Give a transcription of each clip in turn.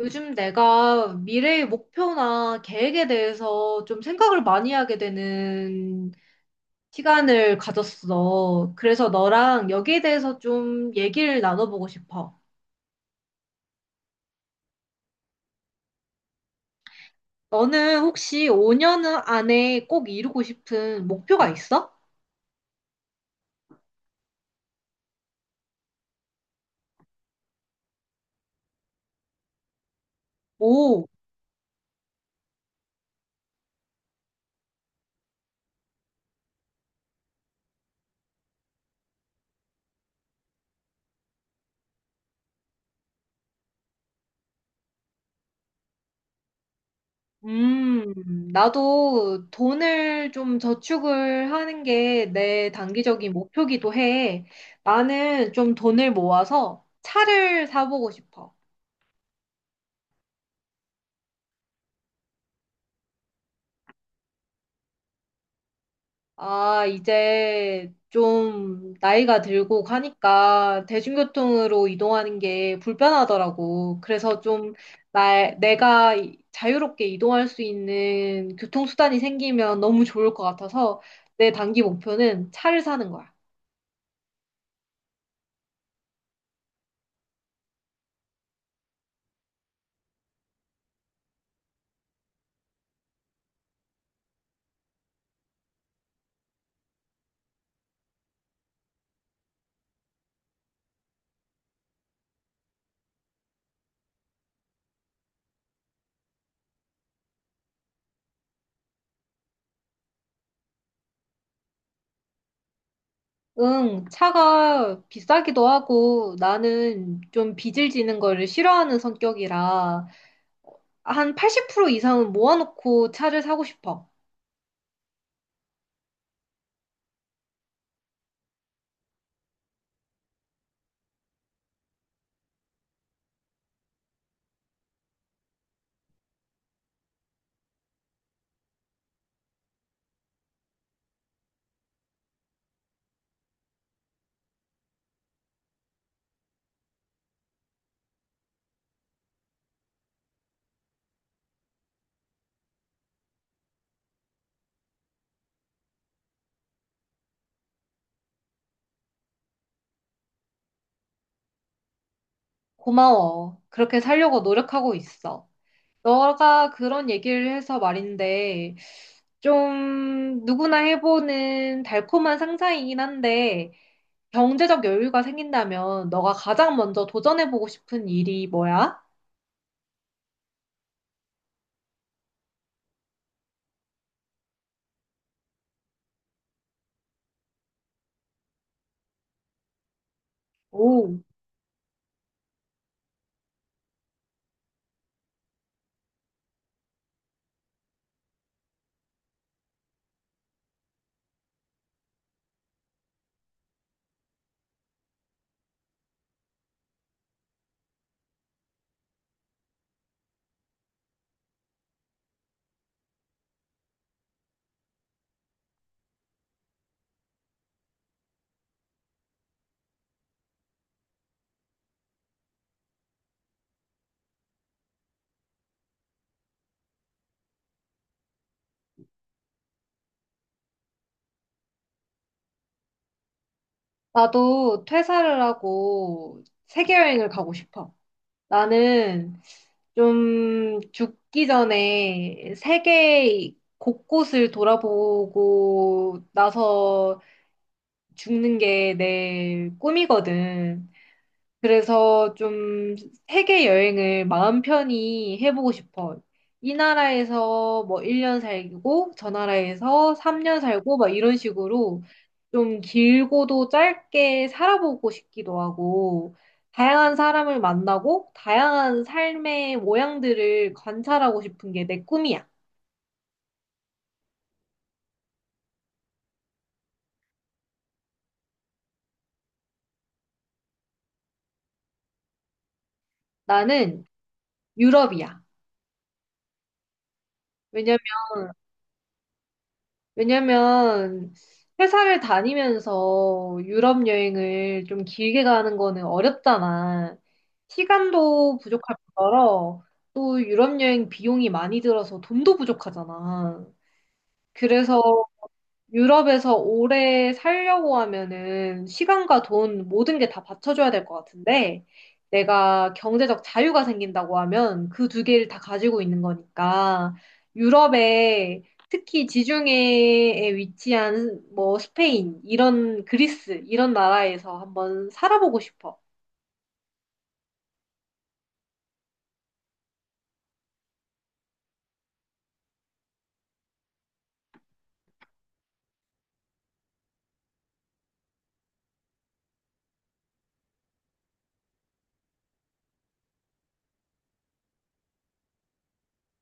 요즘 내가 미래의 목표나 계획에 대해서 좀 생각을 많이 하게 되는 시간을 가졌어. 그래서 너랑 여기에 대해서 좀 얘기를 나눠보고 싶어. 너는 혹시 5년 안에 꼭 이루고 싶은 목표가 있어? 오. 나도 돈을 좀 저축을 하는 게 내 단기적인 목표기도 해. 나는 좀 돈을 모아서 차를 사보고 싶어. 아, 이제 좀 나이가 들고 가니까 대중교통으로 이동하는 게 불편하더라고. 그래서 좀 내가 자유롭게 이동할 수 있는 교통수단이 생기면 너무 좋을 것 같아서 내 단기 목표는 차를 사는 거야. 응, 차가 비싸기도 하고 나는 좀 빚을 지는 거를 싫어하는 성격이라 한 80% 이상은 모아놓고 차를 사고 싶어. 고마워. 그렇게 살려고 노력하고 있어. 너가 그런 얘기를 해서 말인데, 좀 누구나 해보는 달콤한 상상이긴 한데, 경제적 여유가 생긴다면 너가 가장 먼저 도전해보고 싶은 일이 뭐야? 오. 나도 퇴사를 하고 세계여행을 가고 싶어. 나는 좀 죽기 전에 세계 곳곳을 돌아보고 나서 죽는 게 내 꿈이거든. 그래서 좀 세계 여행을 마음 편히 해보고 싶어. 이 나라에서 뭐 1년 살고, 저 나라에서 3년 살고, 막 이런 식으로 좀 길고도 짧게 살아보고 싶기도 하고, 다양한 사람을 만나고, 다양한 삶의 모양들을 관찰하고 싶은 게 내 꿈이야. 나는 유럽이야. 왜냐면, 왜냐면 회사를 다니면서 유럽 여행을 좀 길게 가는 거는 어렵잖아. 시간도 부족할 뿐더러 또 유럽 여행 비용이 많이 들어서 돈도 부족하잖아. 그래서 유럽에서 오래 살려고 하면은 시간과 돈 모든 게 다 받쳐줘야 될 것 같은데 내가 경제적 자유가 생긴다고 하면 그 두 개를 다 가지고 있는 거니까 유럽에 특히 지중해에 위치한 뭐 스페인, 이런 그리스, 이런 나라에서 한번 살아보고 싶어.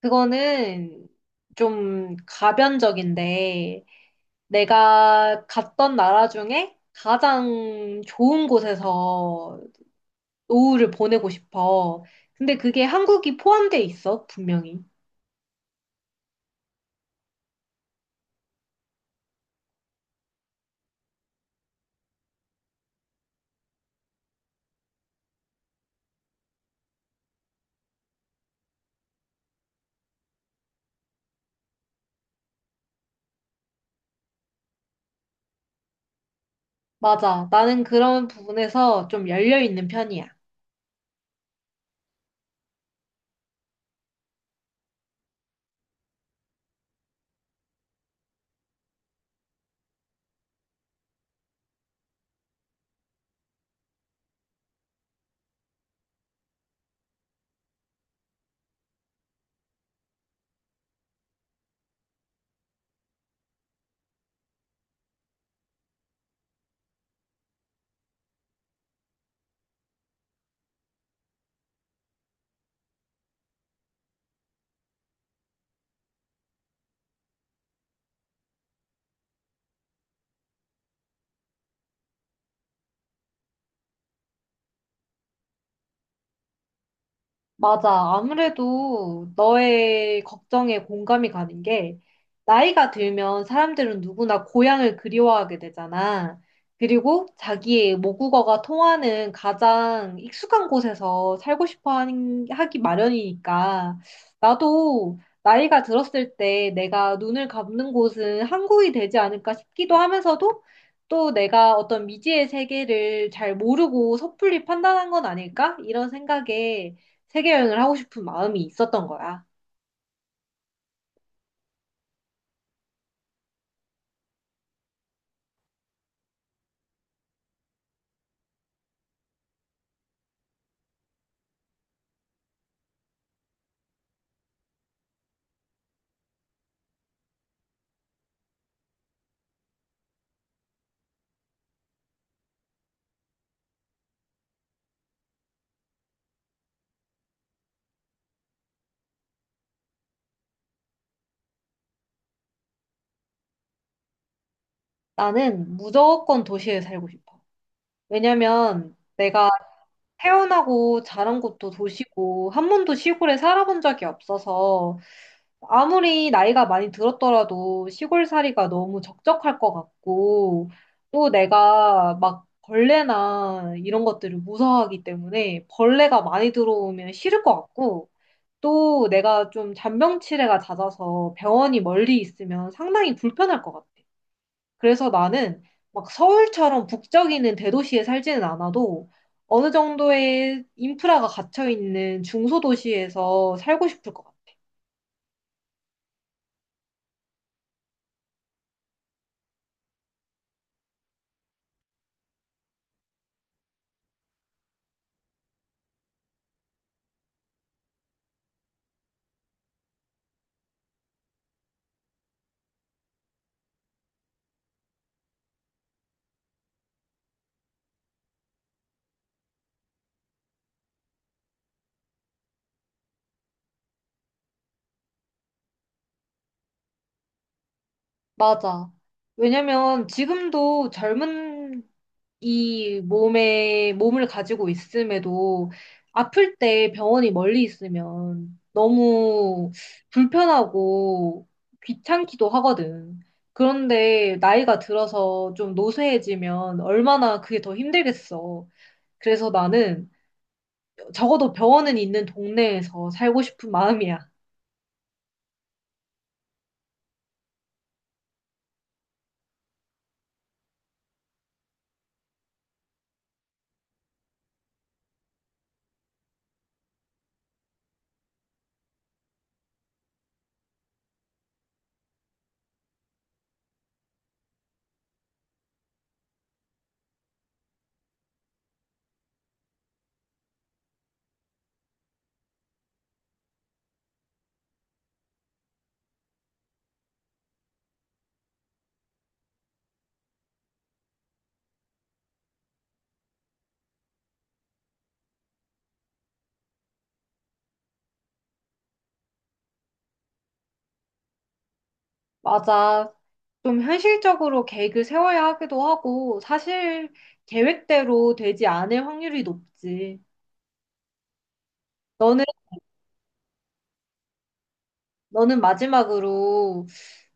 그거는 좀 가변적인데 내가 갔던 나라 중에 가장 좋은 곳에서 노후를 보내고 싶어. 근데 그게 한국이 포함돼 있어, 분명히. 맞아. 나는 그런 부분에서 좀 열려 있는 편이야. 맞아. 아무래도 너의 걱정에 공감이 가는 게 나이가 들면 사람들은 누구나 고향을 그리워하게 되잖아. 그리고 자기의 모국어가 통하는 가장 익숙한 곳에서 살고 싶어 하기 마련이니까 나도 나이가 들었을 때 내가 눈을 감는 곳은 한국이 되지 않을까 싶기도 하면서도 또 내가 어떤 미지의 세계를 잘 모르고 섣불리 판단한 건 아닐까? 이런 생각에 세계 여행을 하고 싶은 마음이 있었던 거야. 나는 무조건 도시에 살고 싶어. 왜냐면 내가 태어나고 자란 곳도 도시고 한 번도 시골에 살아본 적이 없어서 아무리 나이가 많이 들었더라도 시골살이가 너무 적적할 것 같고 또 내가 막 벌레나 이런 것들을 무서워하기 때문에 벌레가 많이 들어오면 싫을 것 같고 또 내가 좀 잔병치레가 잦아서 병원이 멀리 있으면 상당히 불편할 것 같아. 그래서 나는 막 서울처럼 북적이는 대도시에 살지는 않아도 어느 정도의 인프라가 갇혀 있는 중소도시에서 살고 싶을 것 같아. 맞아. 왜냐면 지금도 젊은 이 몸을 가지고 있음에도 아플 때 병원이 멀리 있으면 너무 불편하고 귀찮기도 하거든. 그런데 나이가 들어서 좀 노쇠해지면 얼마나 그게 더 힘들겠어. 그래서 나는 적어도 병원은 있는 동네에서 살고 싶은 마음이야. 맞아. 좀 현실적으로 계획을 세워야 하기도 하고, 사실 계획대로 되지 않을 확률이 높지. 너는 너는 마지막으로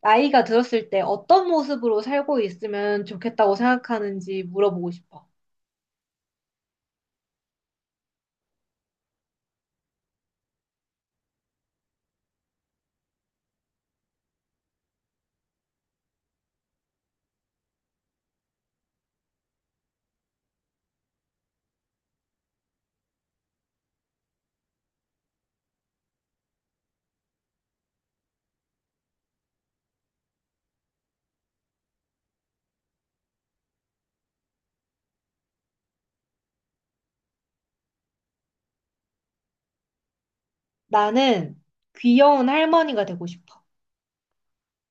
나이가 들었을 때 어떤 모습으로 살고 있으면 좋겠다고 생각하는지 물어보고 싶어. 나는 귀여운 할머니가 되고 싶어.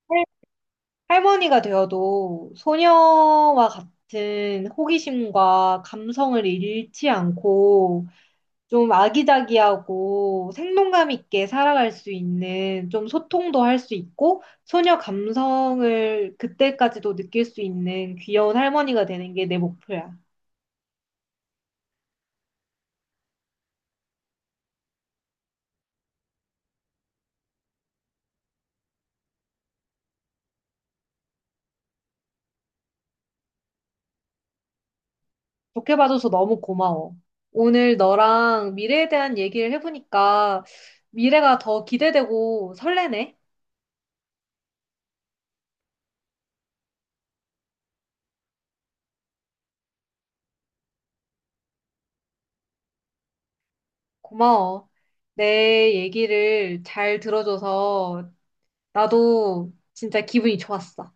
할- 할머니가 되어도 소녀와 같은 호기심과 감성을 잃지 않고 좀 아기자기하고 생동감 있게 살아갈 수 있는 좀 소통도 할 수 있고 소녀 감성을 그때까지도 느낄 수 있는 귀여운 할머니가 되는 게 내 목표야. 좋게 봐줘서 너무 고마워. 오늘 너랑 미래에 대한 얘기를 해보니까 미래가 더 기대되고 설레네. 고마워. 내 얘기를 잘 들어줘서 나도 진짜 기분이 좋았어.